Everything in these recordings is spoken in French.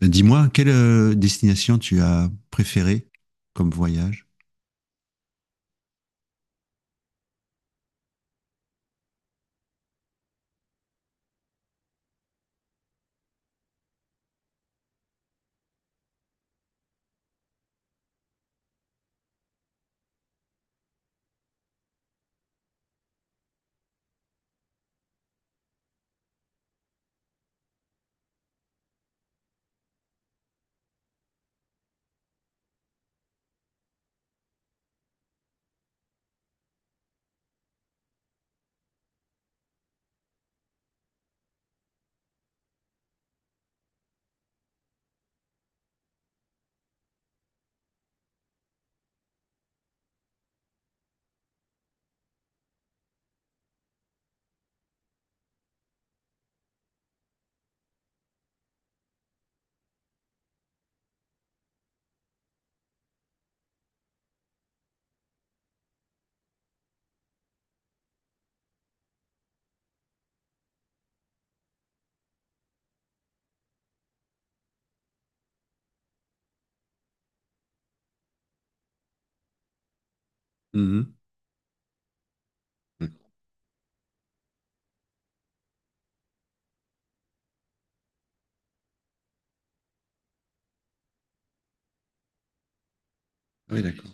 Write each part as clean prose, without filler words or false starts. Dis-moi, quelle destination tu as préférée comme voyage? Mhm. Oui, d'accord.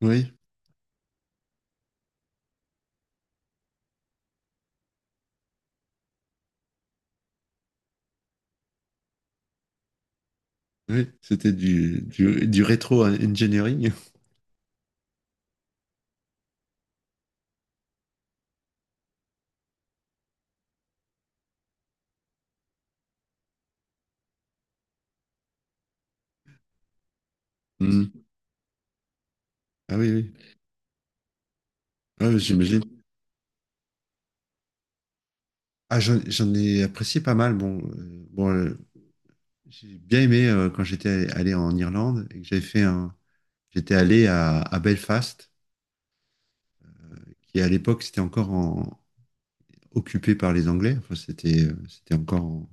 Oui, oui, c'était du rétro-engineering. Mhm. Ah oui, oui. Ah oui, j'imagine. Ah, j'en ai apprécié pas mal. Bon, j'ai bien aimé quand j'étais allé en Irlande et que j'avais fait un. J'étais allé à Belfast, qui à l'époque c'était encore en- occupé par les Anglais. Enfin, c'était c'était encore en-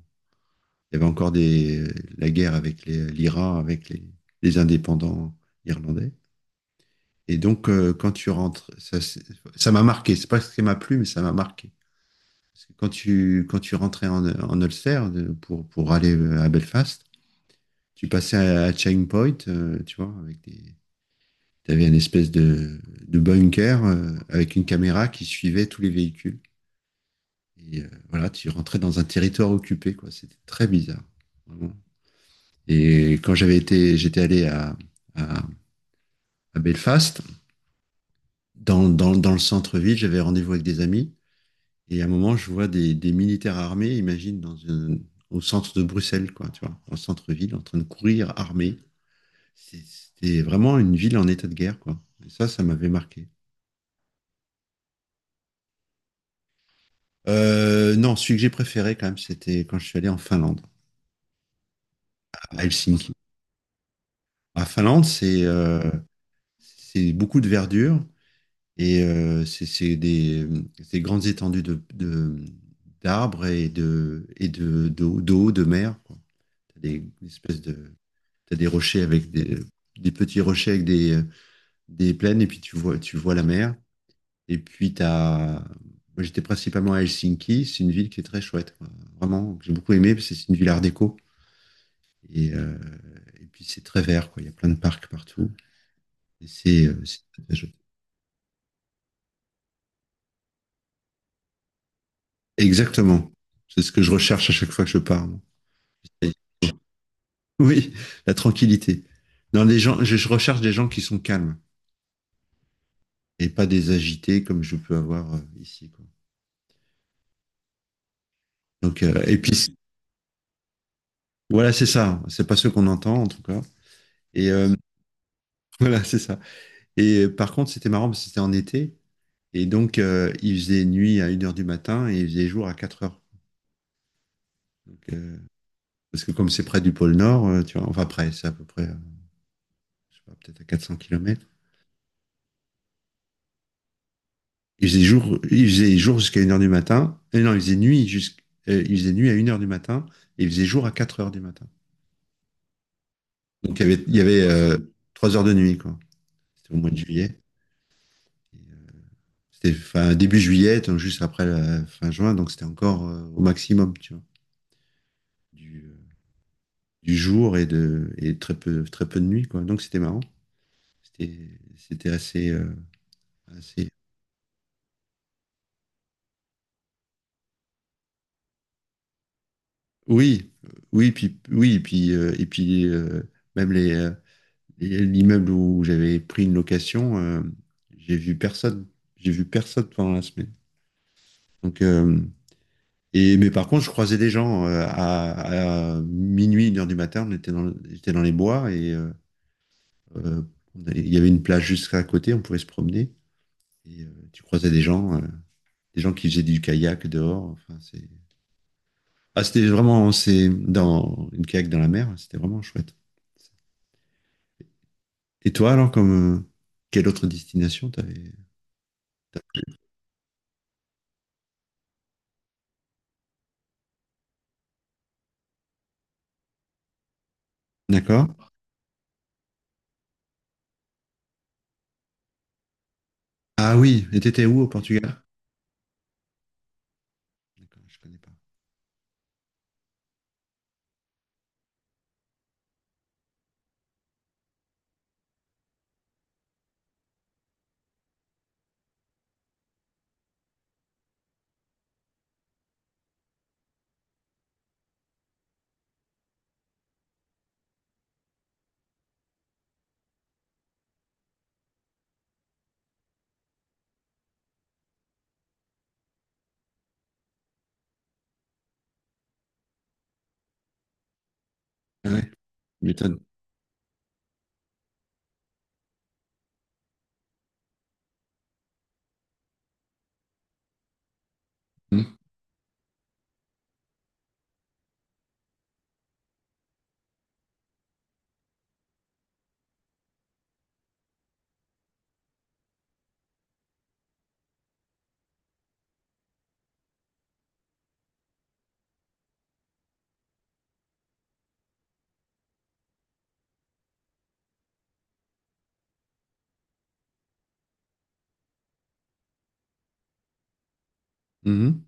Il y avait encore des, la guerre avec les- l'IRA, avec les indépendants irlandais. Et donc, quand tu rentres, ça c'est- ça m'a marqué. C'est pas ce qui m'a plu, mais ça m'a marqué. Parce que quand tu rentrais en Ulster de- pour aller à Belfast, tu passais à Chain Point, tu vois, avec des, t'avais une espèce de bunker avec une caméra qui suivait tous les véhicules. Et voilà, tu rentrais dans un territoire occupé, quoi. C'était très bizarre. Vraiment. Et quand j'avais été, j'étais allé à, à Belfast, dans le centre-ville, j'avais rendez-vous avec des amis. Et à un moment, je vois des militaires armés, imagine, dans une- au centre de Bruxelles, quoi, tu vois, en centre-ville, en train de courir armés. C'est- C'était vraiment une ville en état de guerre, quoi. Et ça m'avait marqué. Non, celui que j'ai préféré, quand même, c'était quand je suis allé en Finlande, à Helsinki. À Finlande, c'est beaucoup de verdure. Et c'est des, c'est grandes étendues de- d'arbres et de, d'eau, d'eau, de mer, quoi. T'as des espèces de, t'as des rochers avec des petits rochers avec des plaines, et puis tu vois la mer. Et puis t'as, moi j'étais principalement à Helsinki, c'est une ville qui est très chouette, quoi. Vraiment, que j'ai beaucoup aimé, parce que c'est une ville art déco. Et et puis c'est très vert, quoi. Il y a plein de parcs partout. Et c'est très chouette. Exactement. C'est ce que je recherche à chaque fois que je pars. Oui, la tranquillité. Non, les gens, je recherche des gens qui sont calmes et pas des agités comme je peux avoir ici, quoi. Donc, et puis, c- voilà, c'est ça. C'est pas ce qu'on entend, en tout cas. Et voilà, c'est ça. Et par contre, c'était marrant parce que c'était en été. Et donc, il faisait nuit à 1 heure du matin et il faisait jour à 4 heures. Donc, parce que comme c'est près du pôle Nord, tu vois, enfin, près, c'est à peu près, je sais pas, peut-être à 400 kilomètres. Il faisait jour jusqu'à 1 heure du matin. Et non, il faisait nuit jusqu'- il faisait nuit à une heure du matin et il faisait jour à 4 heures du matin. Donc il y avait 3 heures de nuit, quoi. C'était au mois de juillet. Et, euh, C'était fin, début juillet, donc juste après la fin juin, donc c'était encore au maximum, tu vois, du, euh, du jour et de et très peu de nuit, quoi. Donc c'était marrant. C'était assez, assez. Oui, oui, puis oui, et puis même les Et l'immeuble où j'avais pris une location, j'ai vu personne. J'ai vu personne pendant la semaine. Donc, et, mais par contre, je croisais des gens à minuit, 1 heure du matin. On était dans, le- j'étais dans les bois et euh, on allait- il y avait une plage juste à côté. On pouvait se promener. Et tu croisais des gens qui faisaient du kayak dehors. Enfin, c'est, ah, c'était vraiment, c'est dans une kayak dans la mer. C'était vraiment chouette. Et toi, alors, comme quelle autre destination t'avais? D'accord? Ah oui, et t'étais où au Portugal? D'accord, je connais pas. Ah ouais, tu m'étonnes. Mhm. Mhm.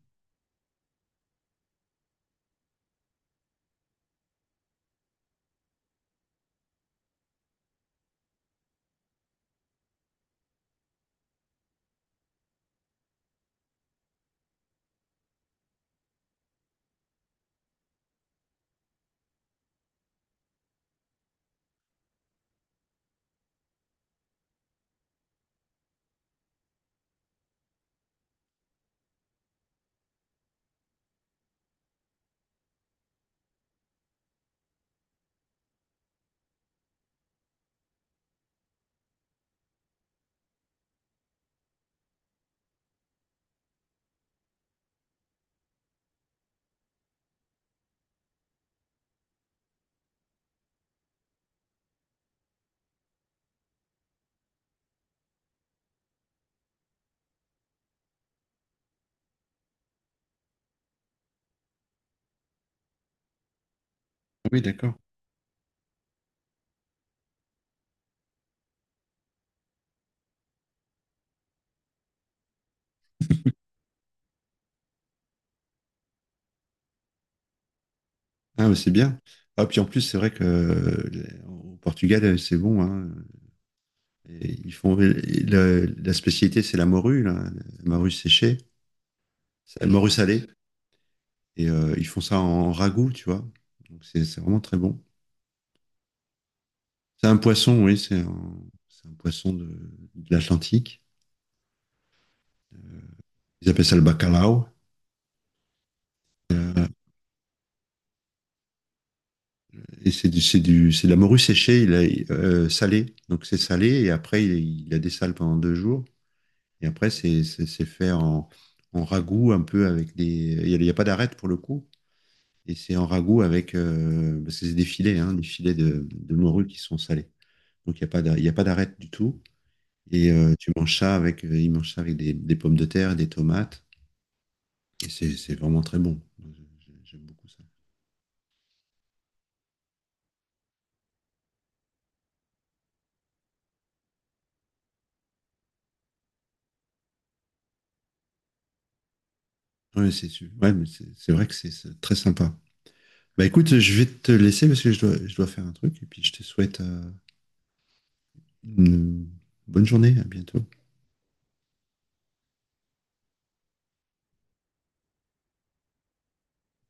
Oui, d'accord. Ah, mais c'est bien. Ah, puis en plus, c'est vrai que les- au Portugal, c'est bon, hein. Et ils font et le- la spécialité, c'est la morue, là, la morue séchée, c'est la morue salée. Et ils font ça en ragoût, tu vois. Donc c'est vraiment très bon. C'est un poisson, oui, c'est un poisson de l'Atlantique. Ils appellent ça le bacalao. Euh, Et c'est c'est de la morue séchée, il a, salée. Donc c'est salé et après il a des sales pendant 2 jours. Et après c'est fait en, en ragoût un peu avec des. Il y a pas d'arête pour le coup. Et c'est en ragoût avec, parce que c'est des filets, hein, des filets de morue qui sont salés. Donc il n'y a pas d'ar- il y a pas d'arête du tout. Et tu manges ça avec, il mange ça avec des pommes de terre, des tomates. Et c'est vraiment très bon. J'aime beaucoup ça. Ouais, c'est su- ouais, mais c'est vrai que c'est très sympa. Bah écoute, je vais te laisser parce que je dois faire un truc et puis je te souhaite une bonne journée. À bientôt.